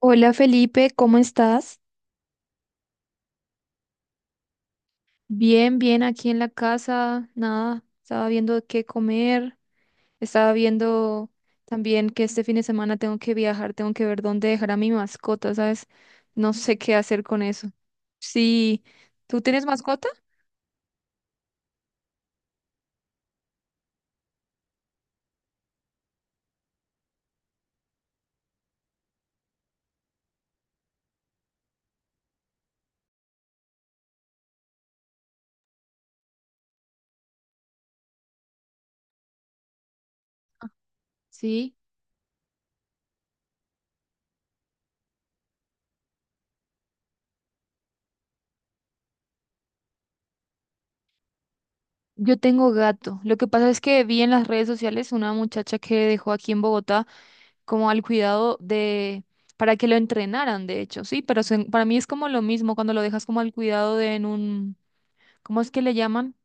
Hola Felipe, ¿cómo estás? Bien, bien, aquí en la casa, nada, estaba viendo qué comer, estaba viendo también que este fin de semana tengo que viajar, tengo que ver dónde dejar a mi mascota, ¿sabes? No sé qué hacer con eso. Sí, ¿tú tienes mascota? Sí, yo tengo gato. Lo que pasa es que vi en las redes sociales una muchacha que dejó aquí en Bogotá como al cuidado de, para que lo entrenaran, de hecho, sí, para mí es como lo mismo cuando lo dejas como al cuidado de en un ¿cómo es que le llaman?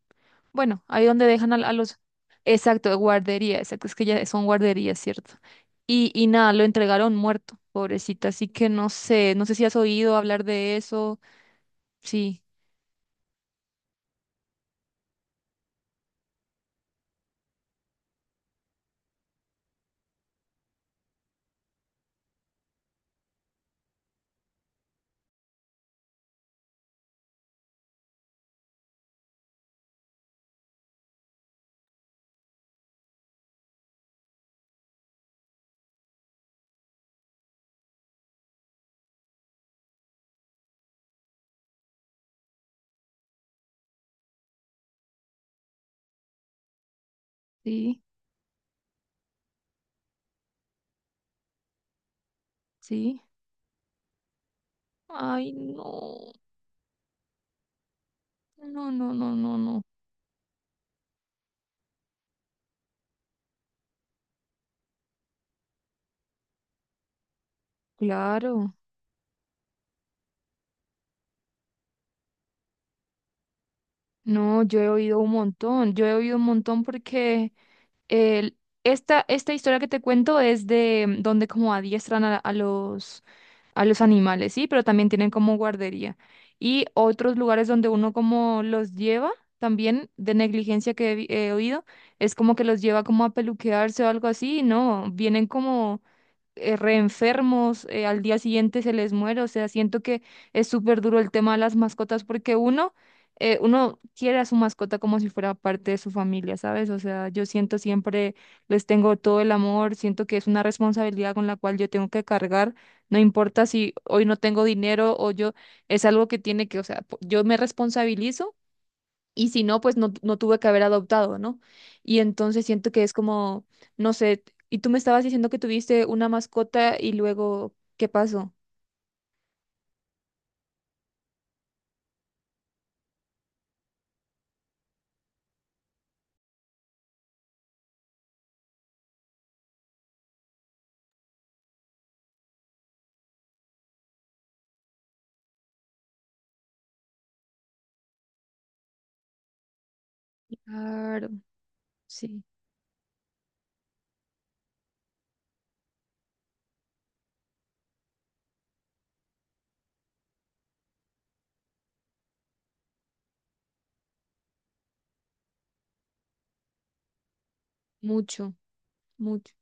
Bueno, ahí donde dejan a los... Exacto, guardería, exacto, es que ya son guarderías, ¿cierto? Y nada, lo entregaron muerto, pobrecita, así que no sé, no sé si has oído hablar de eso. Sí, sí, sí. Ay, no, no, no, no, no, no. Claro, no, yo he oído un montón, yo he oído un montón porque el- esta, esta historia que te cuento es de donde como adiestran a los... a los animales, sí, pero también tienen como guardería. Y otros lugares donde uno como los lleva, también de negligencia que he oído, es como que los lleva como a peluquearse o algo así, no, vienen como reenfermos, al día siguiente se les muere, o sea, siento que es súper duro el tema de las mascotas porque uno, uno quiere a su mascota como si fuera parte de su familia, ¿sabes? O sea, yo siento siempre, les tengo todo el amor, siento que es una responsabilidad con la cual yo tengo que cargar, no importa si hoy no tengo dinero o yo, es algo que tiene que, o sea, yo me responsabilizo y si no, pues no, no tuve que haber adoptado, ¿no? Y entonces siento que es como, no sé, y tú me estabas diciendo que tuviste una mascota y luego, ¿qué pasó? Claro, sí, mucho, mucho.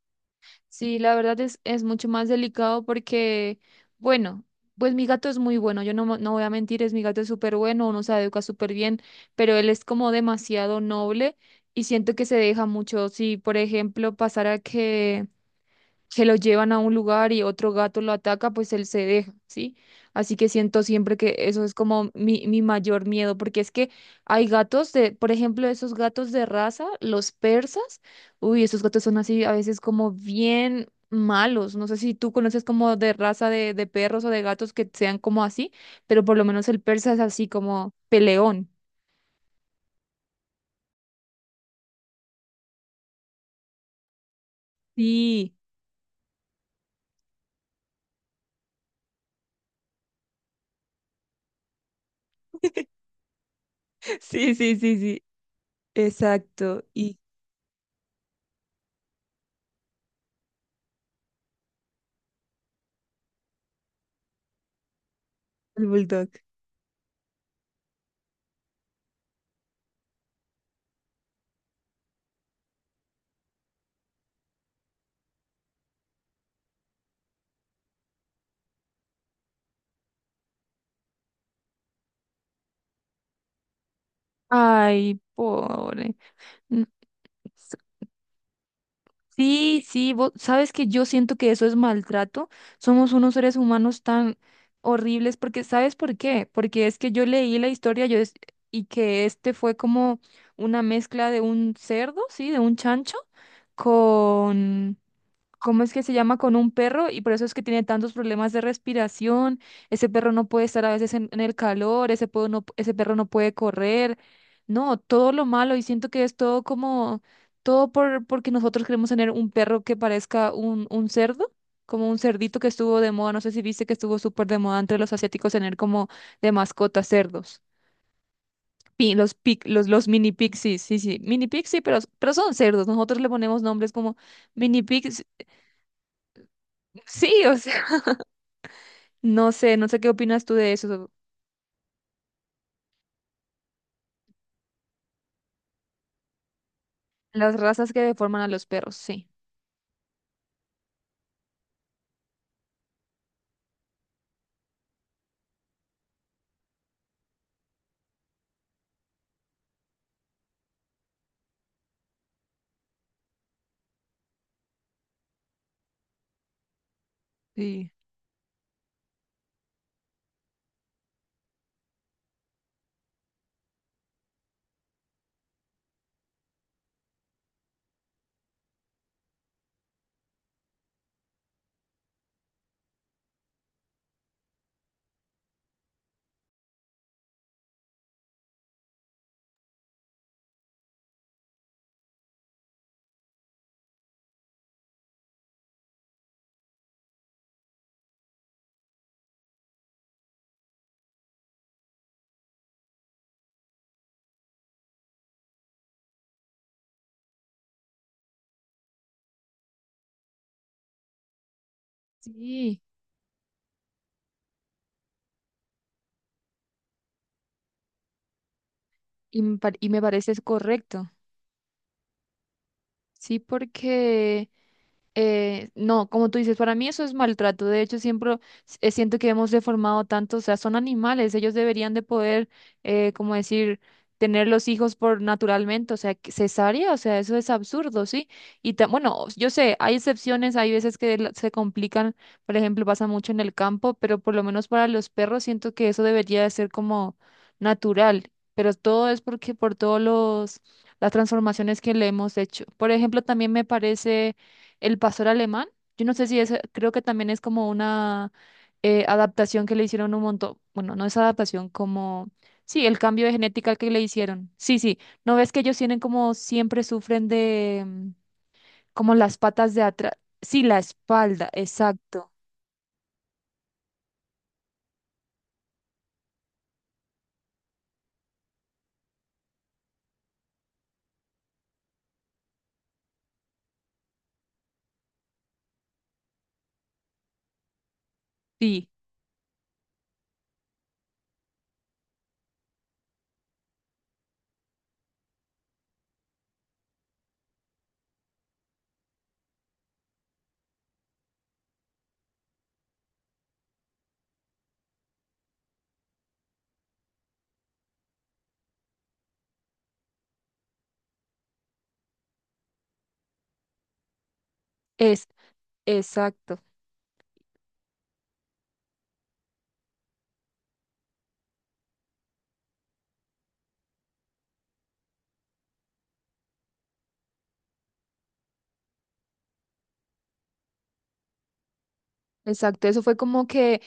Sí, la verdad es mucho más delicado porque, bueno, pues mi gato es muy bueno, yo no, no voy a mentir, es mi gato es súper bueno, uno se educa súper bien, pero él es como demasiado noble y siento que se deja mucho. Si, por ejemplo, pasara que se lo llevan a un lugar y otro gato lo ataca, pues él se deja, ¿sí? Así que siento siempre que eso es como mi mayor miedo, porque es que hay gatos de, por ejemplo, esos gatos de raza, los persas, uy, esos gatos son así a veces como bien malos, no sé si tú conoces como de raza de perros o de gatos que sean como así, pero por lo menos el persa es así como peleón. Sí, sí, sí, sí, sí, exacto. Y el bulldog. Ay, pobre. Sí, sí, vos sabes que yo siento que eso es maltrato. Somos unos seres humanos tan horribles porque, ¿sabes por qué? Porque es que yo leí la historia y que este fue como una mezcla de un cerdo, sí, de un chancho con ¿cómo es que se llama con un perro? Y por eso es que tiene tantos problemas de respiración. Ese perro no puede estar a veces en el calor, ese, puedo no- ese perro no puede correr. No, todo lo malo. Y siento que es todo como, todo por, porque nosotros queremos tener un perro que parezca un cerdo, como un cerdito que estuvo de moda. No sé si viste que estuvo súper de moda entre los asiáticos tener como de mascota cerdos. Los, los mini pixies, sí, sí, sí. Mini pixies, pero son cerdos. Nosotros le ponemos nombres como mini pixies. Sí, o sea. No sé, no sé qué opinas tú de eso. Las razas que deforman a los perros, sí. Sí. Sí, y me, y me parece es correcto. Sí, porque no, como tú dices, para mí eso es maltrato. De hecho, siempre siento que hemos deformado tanto, o sea, son animales, ellos deberían de poder, como decir, tener los hijos por naturalmente, o sea, cesárea, o sea, eso es absurdo, ¿sí? Y bueno, yo sé, hay excepciones, hay veces que se complican, por ejemplo, pasa mucho en el campo, pero por lo menos para los perros siento que eso debería de ser como natural, pero todo es porque por todos los las transformaciones que le hemos hecho. Por ejemplo, también me parece el pastor alemán, yo no sé si es, creo que también es como una adaptación que le hicieron un montón, bueno, no es adaptación, como, sí, el cambio de genética que le hicieron. Sí, sí, ¿no ves que ellos tienen como siempre sufren de como las patas de atrás? Sí, la espalda, exacto. Sí, es, exacto, exacto. Eso fue como que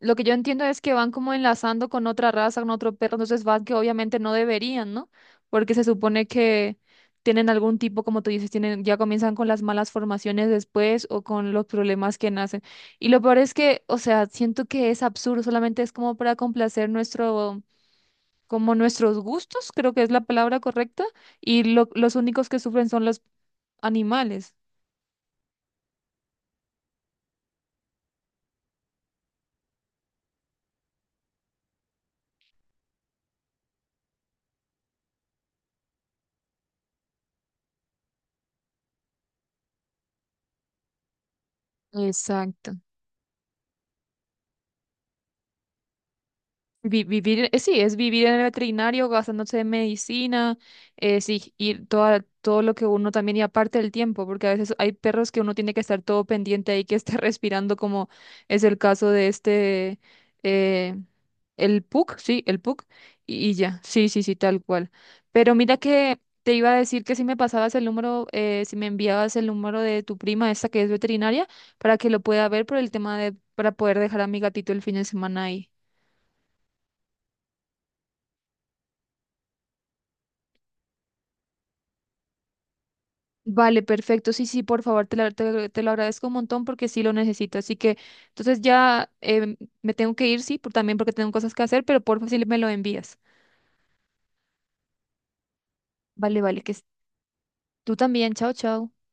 lo que yo entiendo es que van como enlazando con otra raza, con otro perro, entonces van que obviamente no deberían, ¿no? Porque se supone que tienen algún tipo, como tú dices, tienen, ya comienzan con las malas formaciones después o con los problemas que nacen. Y lo peor es que, o sea, siento que es absurdo, solamente es como para complacer nuestro, como nuestros gustos, creo que es la palabra correcta, y los únicos que sufren son los animales. Exacto. Vivir, sí, es vivir en el veterinario gastándose en medicina, sí, y toda, todo lo que uno también, y aparte el tiempo, porque a veces hay perros que uno tiene que estar todo pendiente ahí, que esté respirando, como es el caso de este, eh, el pug sí, el pug y ya, sí, sí, sí, tal cual. Pero mira que te iba a decir que si me pasabas el número, si me enviabas el número de tu prima, esta que es veterinaria, para que lo pueda ver por el tema de, para poder dejar a mi gatito el fin de semana ahí. Vale, perfecto. Sí, sí, por favor, te lo agradezco un montón porque sí lo necesito. Así que, entonces ya me tengo que ir, sí, por, también porque tengo cosas que hacer, pero por favor, sí me lo envías. Vale, vale, tú también. Chao, chao.